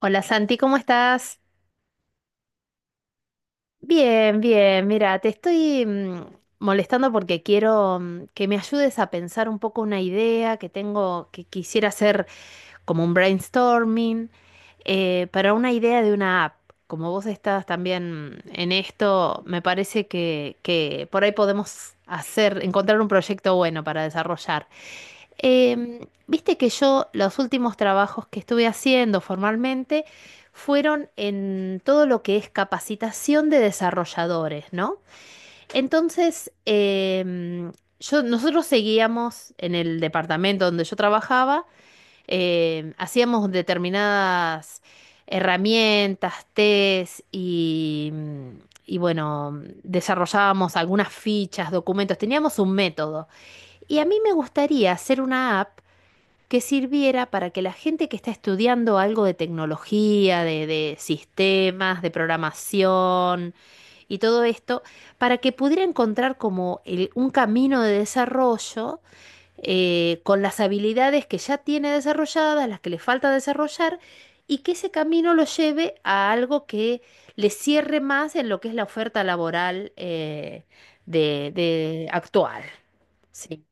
Hola Santi, ¿cómo estás? Bien, bien. Mira, te estoy molestando porque quiero que me ayudes a pensar un poco una idea que tengo, que quisiera hacer como un brainstorming, para una idea de una app. Como vos estás también en esto, me parece que por ahí podemos hacer, encontrar un proyecto bueno para desarrollar. Em, Viste que yo los últimos trabajos que estuve haciendo formalmente fueron en todo lo que es capacitación de desarrolladores, ¿no? Entonces, yo, nosotros seguíamos en el departamento donde yo trabajaba, hacíamos determinadas herramientas, test y bueno, desarrollábamos algunas fichas, documentos, teníamos un método. Y a mí me gustaría hacer una app que sirviera para que la gente que está estudiando algo de tecnología, de sistemas, de programación y todo esto, para que pudiera encontrar como un camino de desarrollo, con las habilidades que ya tiene desarrolladas, las que le falta desarrollar, y que ese camino lo lleve a algo que le cierre más en lo que es la oferta laboral, de actual. Sí.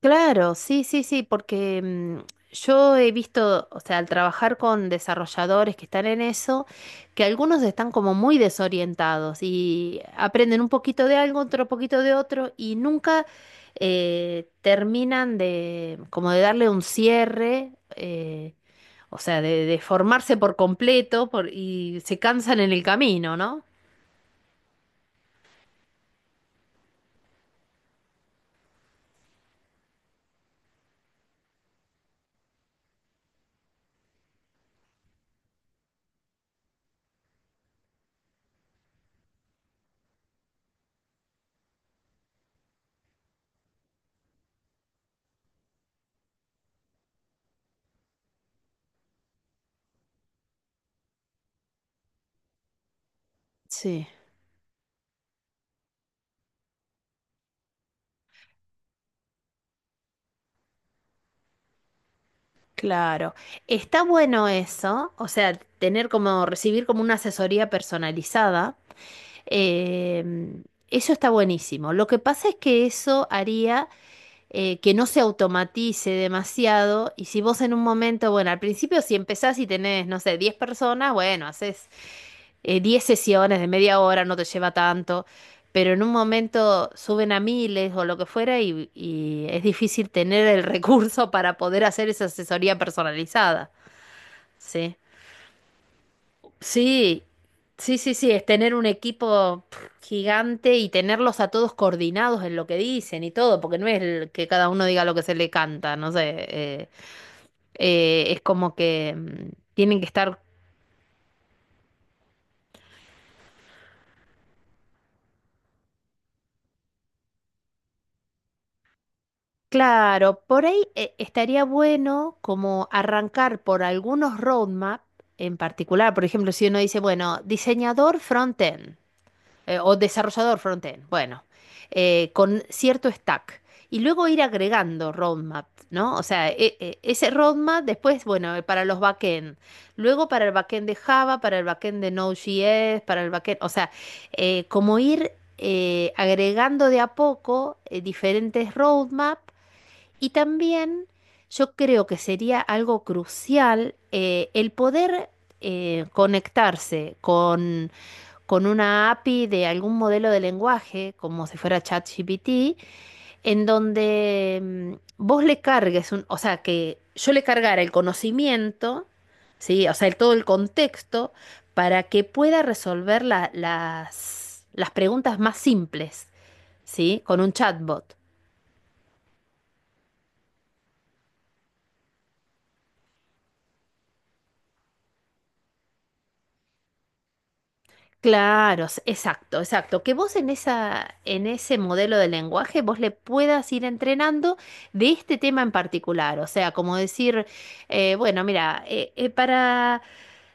Claro, sí, sí, sí, porque yo he visto, o sea, al trabajar con desarrolladores que están en eso, que algunos están como muy desorientados y aprenden un poquito de algo, otro poquito de otro y nunca terminan de como de darle un cierre, o sea, de formarse por completo y se cansan en el camino, ¿no? Sí. Claro, está bueno eso, o sea, tener como, recibir como una asesoría personalizada. em, Eso está buenísimo. Lo que pasa es que eso haría que no se automatice demasiado y si vos en un momento, bueno, al principio si empezás y tenés, no sé, 10 personas, bueno, haces 10 sesiones de 1/2 hora, no te lleva tanto, pero en un momento suben a miles o lo que fuera y es difícil tener el recurso para poder hacer esa asesoría personalizada. Sí, sí, sí, sí, sí, es tener un equipo gigante y tenerlos a todos coordinados en lo que dicen y todo, porque no es el que cada uno diga lo que se le canta, no sé, es como que tienen que estar. Claro, por ahí estaría bueno como arrancar por algunos roadmap en particular, por ejemplo, si uno dice, bueno, diseñador frontend. O desarrollador frontend, bueno, con cierto stack. Y luego ir agregando roadmap, ¿no? O sea, ese roadmap después, bueno, para los backend, luego para el backend de Java, para el backend de Node.js, para el backend, o sea, como ir agregando de a poco diferentes roadmap y también yo creo que sería algo crucial, el poder conectarse con una API de algún modelo de lenguaje, como si fuera ChatGPT, en donde vos le cargues o sea, que yo le cargara el conocimiento, ¿sí? O sea, todo el contexto, para que pueda resolver las preguntas más simples, ¿sí? Con un chatbot. Claro, exacto, exacto. Que vos en esa, en ese modelo de lenguaje vos le puedas ir entrenando de este tema en particular. O sea, como decir, bueno, mira, para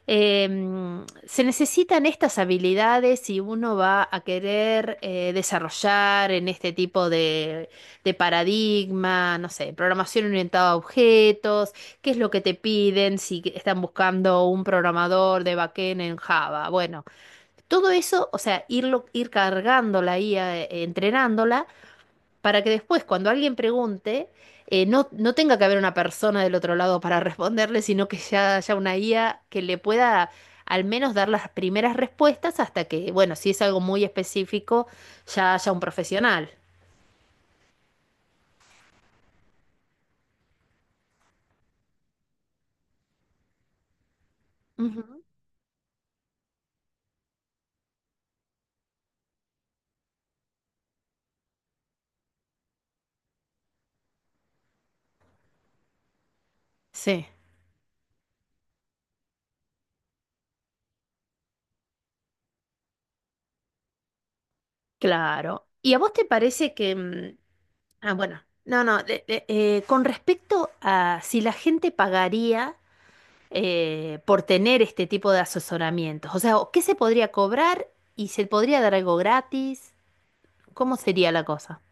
se necesitan estas habilidades si uno va a querer desarrollar en este tipo de paradigma, no sé, programación orientada a objetos, qué es lo que te piden si están buscando un programador de backend en Java. Bueno. Todo eso, o sea, irlo, ir cargando la IA, entrenándola, para que después, cuando alguien pregunte, no, no tenga que haber una persona del otro lado para responderle, sino que ya haya una IA que le pueda al menos dar las primeras respuestas hasta que, bueno, si es algo muy específico, ya haya un profesional. Ujú. Sí, claro. ¿Y a vos te parece que... Ah, bueno, no, no, de- con respecto a si la gente pagaría por tener este tipo de asesoramientos? O sea, ¿qué se podría cobrar y se podría dar algo gratis? ¿Cómo sería la cosa?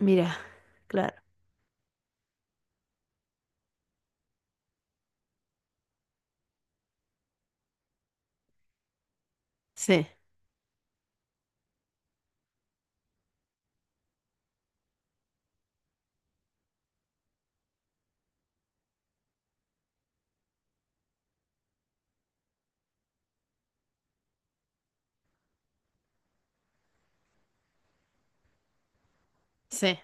Mira, claro. Sí, sí,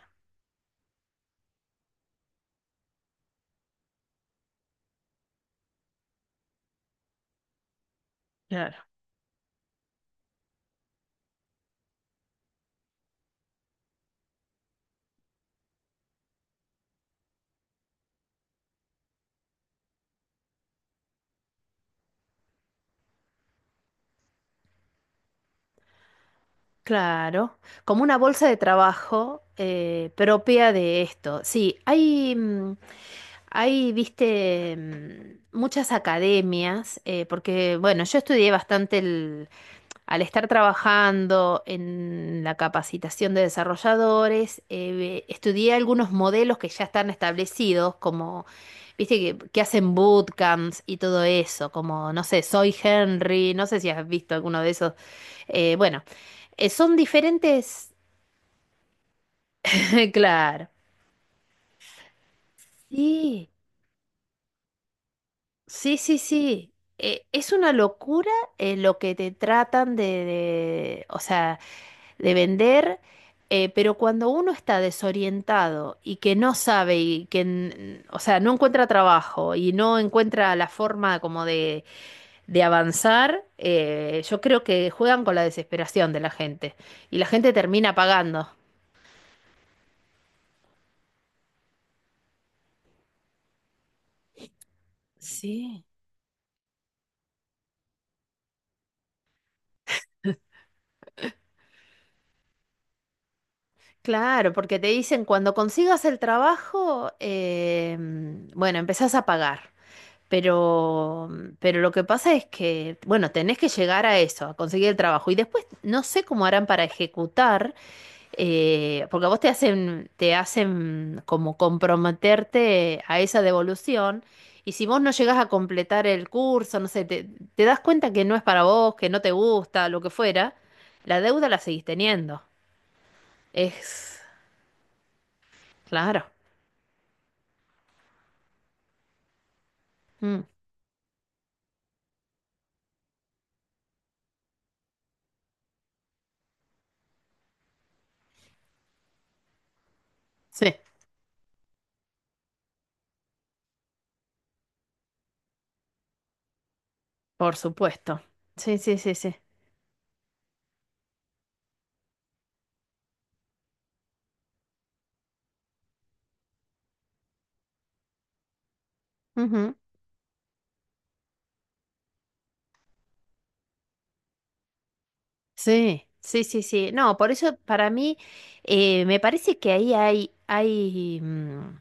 claro. Claro, como una bolsa de trabajo propia de esto. Sí, hay, hay, viste, muchas academias, porque, bueno, yo estudié bastante. Al estar trabajando en la capacitación de desarrolladores, estudié algunos modelos que ya están establecidos, como, viste, que hacen bootcamps y todo eso, como, no sé, Soy Henry, no sé si has visto alguno de esos. Bueno, son diferentes. Claro. Sí. Sí, sí, sí. Es una locura, lo que te tratan de, o sea, de vender, pero cuando uno está desorientado y que no sabe y que, o sea, no encuentra trabajo y no encuentra la forma como de avanzar, yo creo que juegan con la desesperación de la gente y la gente termina pagando. Sí. Claro, porque te dicen cuando consigas el trabajo, bueno, empezás a pagar. Pero lo que pasa es que, bueno, tenés que llegar a eso, a conseguir el trabajo. Y después no sé cómo harán para ejecutar, porque a vos te hacen como comprometerte a esa devolución. Y si vos no llegás a completar el curso, no sé, te das cuenta que no es para vos, que no te gusta, lo que fuera, la deuda la seguís teniendo. Es claro. Mm, sí, por supuesto. Sí, sí, sí, sí. Sí, sí, sí, sí. No, por eso para mí me parece que ahí hay,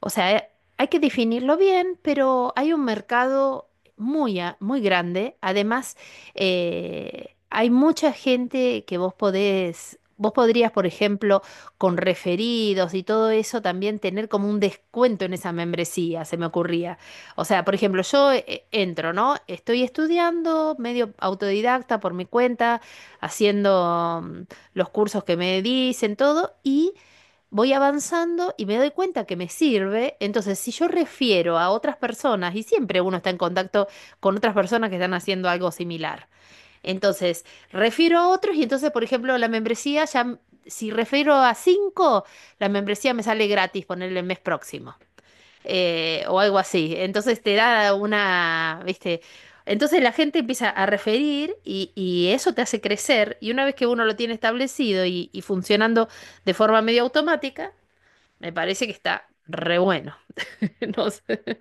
o sea, hay que definirlo bien, pero hay un mercado muy, muy grande. Además, hay mucha gente que vos podés, vos podrías, por ejemplo, con referidos y todo eso, también tener como un descuento en esa membresía, se me ocurría. O sea, por ejemplo, yo entro, ¿no? Estoy estudiando medio autodidacta por mi cuenta, haciendo los cursos que me dicen, todo, y voy avanzando y me doy cuenta que me sirve. Entonces, si yo refiero a otras personas, y siempre uno está en contacto con otras personas que están haciendo algo similar. Entonces, refiero a otros y entonces, por ejemplo, la membresía ya, si refiero a 5, la membresía me sale gratis ponerle el mes próximo. O algo así. Entonces te da una, ¿viste? Entonces la gente empieza a referir y eso te hace crecer y una vez que uno lo tiene establecido y funcionando de forma medio automática, me parece que está re bueno. No sé.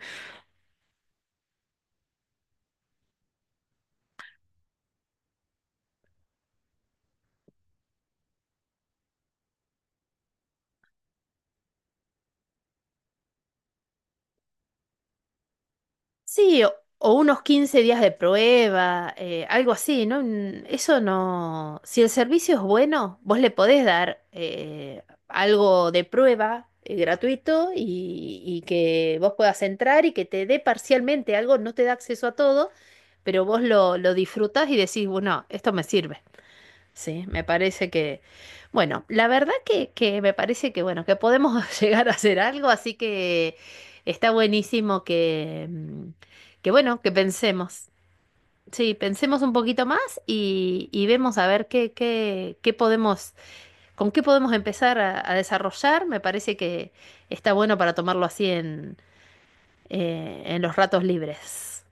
Sí, o unos 15 días de prueba, algo así, ¿no? Eso no. Si el servicio es bueno, vos le podés dar algo de prueba gratuito y que vos puedas entrar y que te dé parcialmente algo, no te da acceso a todo, pero vos lo disfrutás y decís, bueno, esto me sirve. Sí, me parece que, bueno, la verdad que me parece que, bueno, que podemos llegar a hacer algo, así que está buenísimo que bueno, que pensemos. Sí, pensemos un poquito más y vemos a ver qué podemos, con qué podemos empezar a desarrollar. Me parece que está bueno para tomarlo así en los ratos libres.